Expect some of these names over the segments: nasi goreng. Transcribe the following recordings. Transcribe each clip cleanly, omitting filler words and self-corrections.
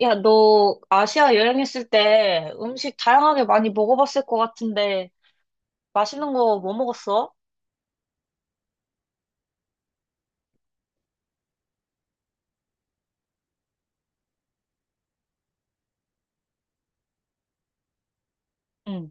야, 너 아시아 여행했을 때 음식 다양하게 많이 먹어봤을 것 같은데 맛있는 거 뭐 먹었어? 응,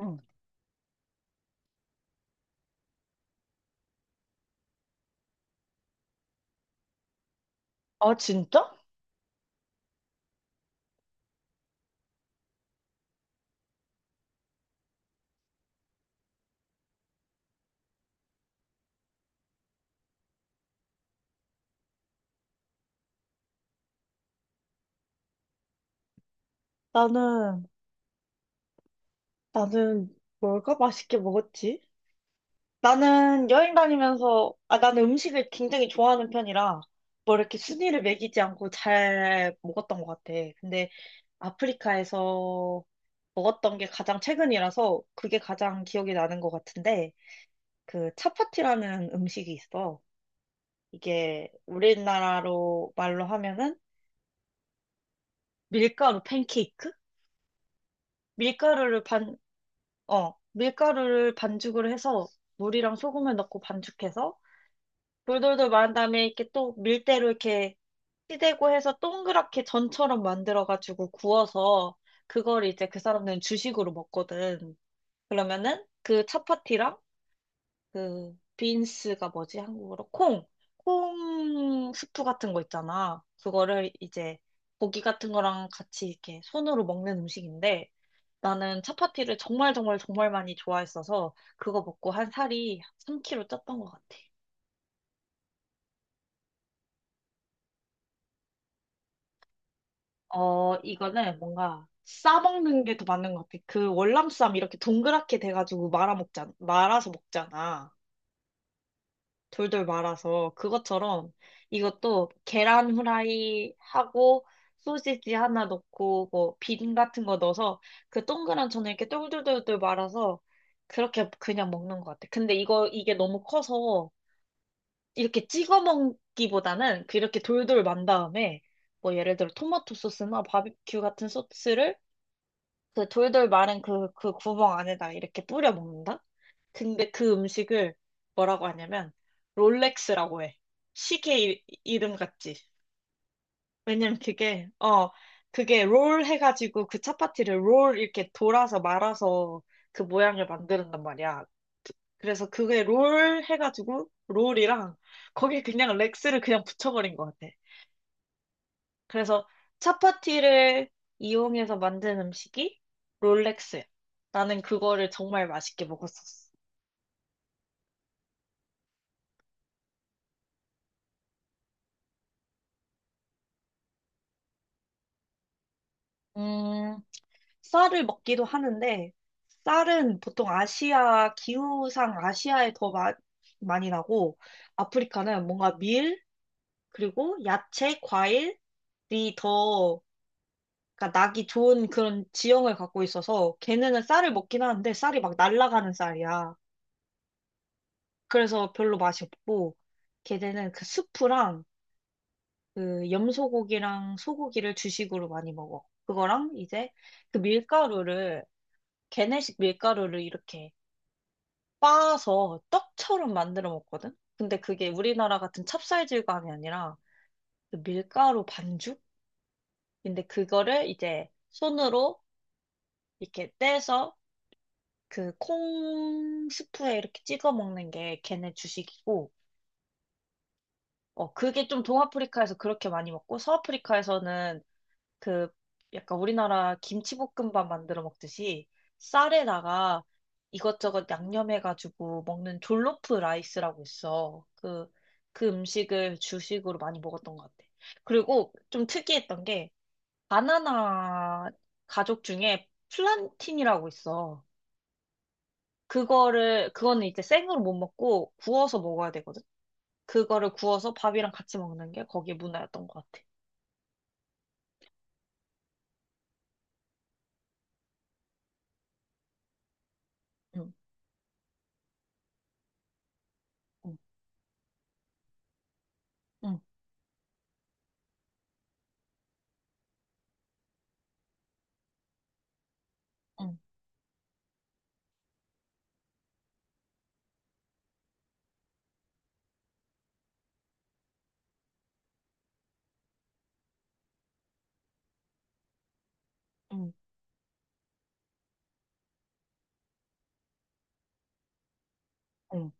응. 아, 진짜? 나는, 나는 뭘까 맛있게 먹었지? 나는 여행 다니면서, 아, 나는 음식을 굉장히 좋아하는 편이라, 뭐 이렇게 순위를 매기지 않고 잘 먹었던 것 같아. 근데 아프리카에서 먹었던 게 가장 최근이라서 그게 가장 기억이 나는 것 같은데, 그 차파티라는 음식이 있어. 이게 우리나라로 말로 하면은 밀가루 팬케이크? 밀가루를 반, 밀가루를 반죽을 해서 물이랑 소금을 넣고 반죽해서 돌돌돌 말은 다음에 이렇게 또 밀대로 이렇게 시대고 해서 동그랗게 전처럼 만들어가지고 구워서 그걸 이제 그 사람들은 주식으로 먹거든. 그러면은 그 차파티랑 그 빈스가 뭐지? 한국어로 콩, 콩 스프 같은 거 있잖아. 그거를 이제 고기 같은 거랑 같이 이렇게 손으로 먹는 음식인데 나는 차파티를 정말 정말 정말 많이 좋아했어서 그거 먹고 한 살이 3kg 쪘던 것 같아. 어, 이거는 뭔가 싸먹는 게 더 맞는 것 같아. 그 월남쌈 이렇게 동그랗게 돼가지고 말아 먹잖아, 말아서 먹잖아. 돌돌 말아서 그것처럼 이것도 계란 후라이 하고 소시지 하나 넣고 뭐 비빔 같은 거 넣어서 그 동그란 전에 이렇게 똘똘똘똘 말아서 그렇게 그냥 먹는 것 같아. 근데 이거 이게 너무 커서 이렇게 찍어 먹기보다는 그 이렇게 돌돌 만 다음에 뭐 예를 들어 토마토 소스나 바비큐 같은 소스를 그 돌돌 말은 그 구멍 안에다 이렇게 뿌려 먹는다. 근데 그 음식을 뭐라고 하냐면 롤렉스라고 해. 시계 이름 같지. 왜냐면 그게 어 그게 롤 해가지고 그 차파티를 롤 이렇게 돌아서 말아서 그 모양을 만드는단 말이야. 그래서 그게 롤 해가지고 롤이랑 거기에 그냥 렉스를 그냥 붙여버린 것 같아. 그래서 차파티를 이용해서 만든 음식이 롤렉스야. 나는 그거를 정말 맛있게 먹었었어. 음. 쌀을 먹기도 하는데, 쌀은 보통 아시아, 기후상 아시아에 더 많이 나고, 아프리카는 뭔가 밀, 그리고 야채, 과일이 더, 그러니까 나기 좋은 그런 지형을 갖고 있어서, 걔네는 쌀을 먹긴 하는데, 쌀이 막 날아가는 쌀이야. 그래서 별로 맛이 없고, 걔네는 그 수프랑, 그 염소고기랑 소고기를 주식으로 많이 먹어. 그거랑 이제 그 밀가루를, 걔네식 밀가루를 이렇게 빻아서 떡처럼 만들어 먹거든? 근데 그게 우리나라 같은 찹쌀질감이 아니라 그 밀가루 반죽인데 그거를 이제 손으로 이렇게 떼서 그 콩 스프에 이렇게 찍어 먹는 게 걔네 주식이고, 어, 그게 좀 동아프리카에서 그렇게 많이 먹고, 서아프리카에서는 그 약간 우리나라 김치볶음밥 만들어 먹듯이 쌀에다가 이것저것 양념해가지고 먹는 졸로프 라이스라고 있어. 그, 그 음식을 주식으로 많이 먹었던 것 같아. 그리고 좀 특이했던 게 바나나 가족 중에 플란틴이라고 있어. 그거는 이제 생으로 못 먹고 구워서 먹어야 되거든. 그거를 구워서 밥이랑 같이 먹는 게 거기에 문화였던 것 같아. 응, 응, 응, 응, 응, 응.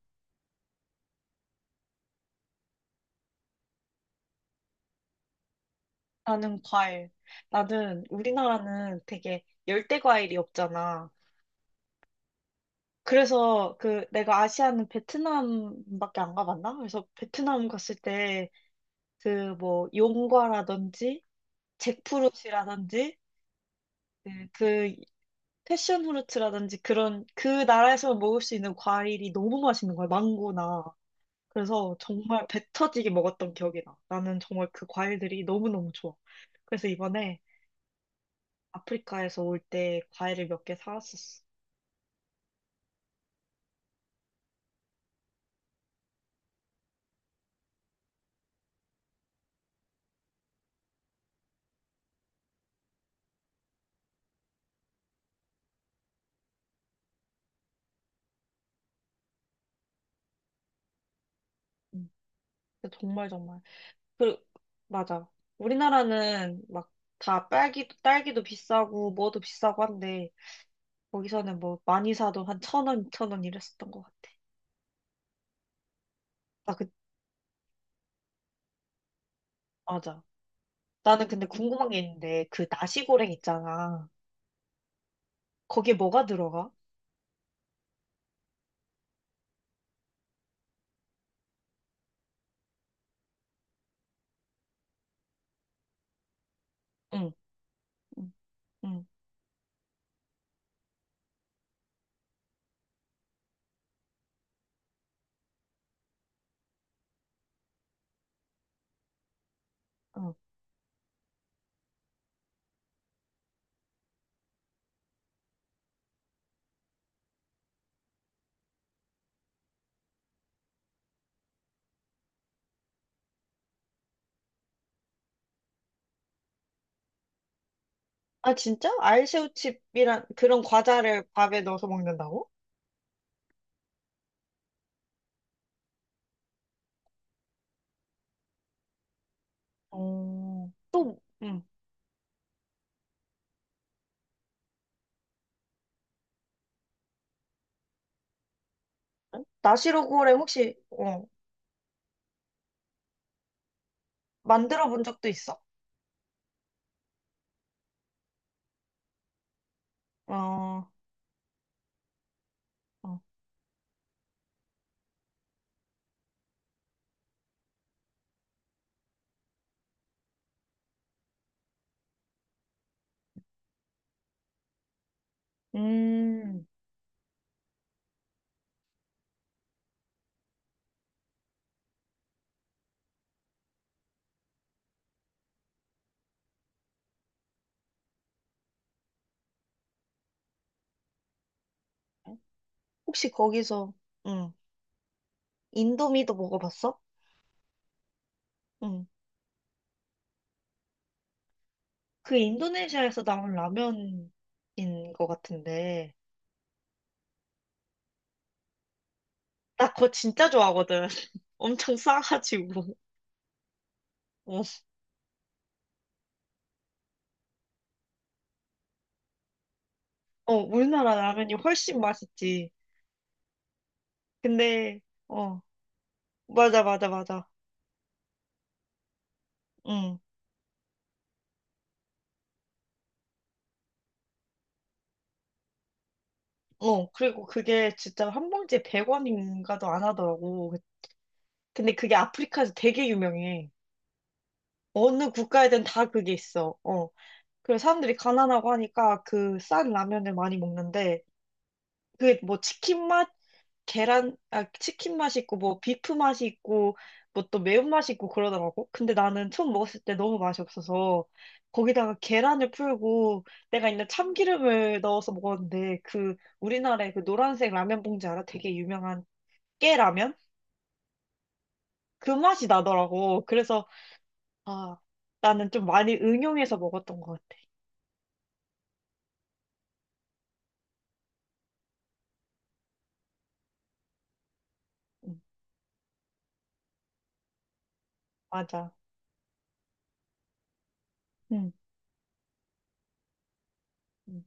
나는 과일. 나는 우리나라는 되게 열대 과일이 없잖아. 그래서 그 내가 아시아는 베트남밖에 안 가봤나? 그래서 베트남 갔을 때 그 뭐 용과라든지 잭프루트라든지 그 패션 후르츠라든지 그런 그 나라에서 먹을 수 있는 과일이 너무 맛있는 거야. 망고나. 그래서 정말 배 터지게 먹었던 기억이 나. 나는 정말 그 과일들이 너무너무 좋아. 그래서 이번에 아프리카에서 올 때 과일을 몇 개 사왔었어. 음. 근데 정말 정말. 그 맞아. 우리나라는 막 다 딸기도 비싸고 뭐도 비싸고 한데 거기서는 뭐 많이 사도 한 1,000원, 2,000원 이랬었던 것 같아. 나 그, 맞아. 나는 근데 궁금한 게 있는데 그 나시고랭 있잖아. 거기에 뭐가 들어가? 응, 응, 응, 응. 아 진짜? 알새우칩이란 그런 과자를 밥에 넣어서 먹는다고? 어. 또, 응. 나시고랭 혹시 어 만들어 본 적도 있어. 어, 어. 음, 혹시 거기서, 응, 인도미도 먹어봤어? 응, 그 인도네시아에서 나온 라면인 것 같은데. 나 그거 진짜 좋아하거든. 엄청 싸가지고. 어, 어, 우리나라 라면이 훨씬 맛있지. 근데, 어, 맞아, 맞아, 맞아. 응. 어, 그리고 그게 진짜 한 봉지에 100원인가도 안 하더라고. 근데 그게 아프리카에서 되게 유명해. 어느 국가에든 다 그게 있어. 어. 그래서 사람들이 가난하고 하니까 그 싼 라면을 많이 먹는데 그게 뭐 치킨 맛, 계란, 아, 치킨 맛이 있고 뭐 비프 맛이 있고 뭐 또 매운맛이 있고 그러더라고. 근데 나는 처음 먹었을 때 너무 맛이 없어서 거기다가 계란을 풀고 내가 있는 참기름을 넣어서 먹었는데 그 우리나라의 그 노란색 라면 봉지 알아? 되게 유명한 깨라면? 그 맛이 나더라고. 그래서 아, 나는 좀 많이 응용해서 먹었던 것 같아. 응. 맞아. 응. 응.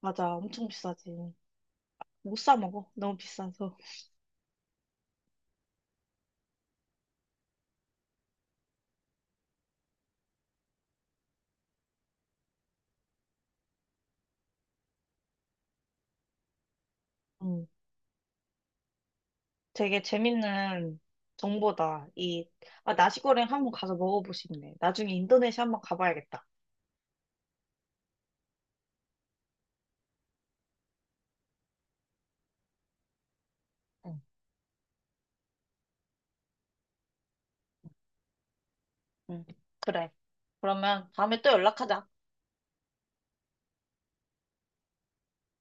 맞아. 엄청 비싸지. 못 사 먹어. 너무 비싸서. 응. 되게 재밌는 정보다. 이, 아, 나시고랭 한번 가서 먹어보고 싶네. 나중에 인도네시아 한번 가봐야겠다. 응. 응. 그래. 그러면 다음에 또 연락하자.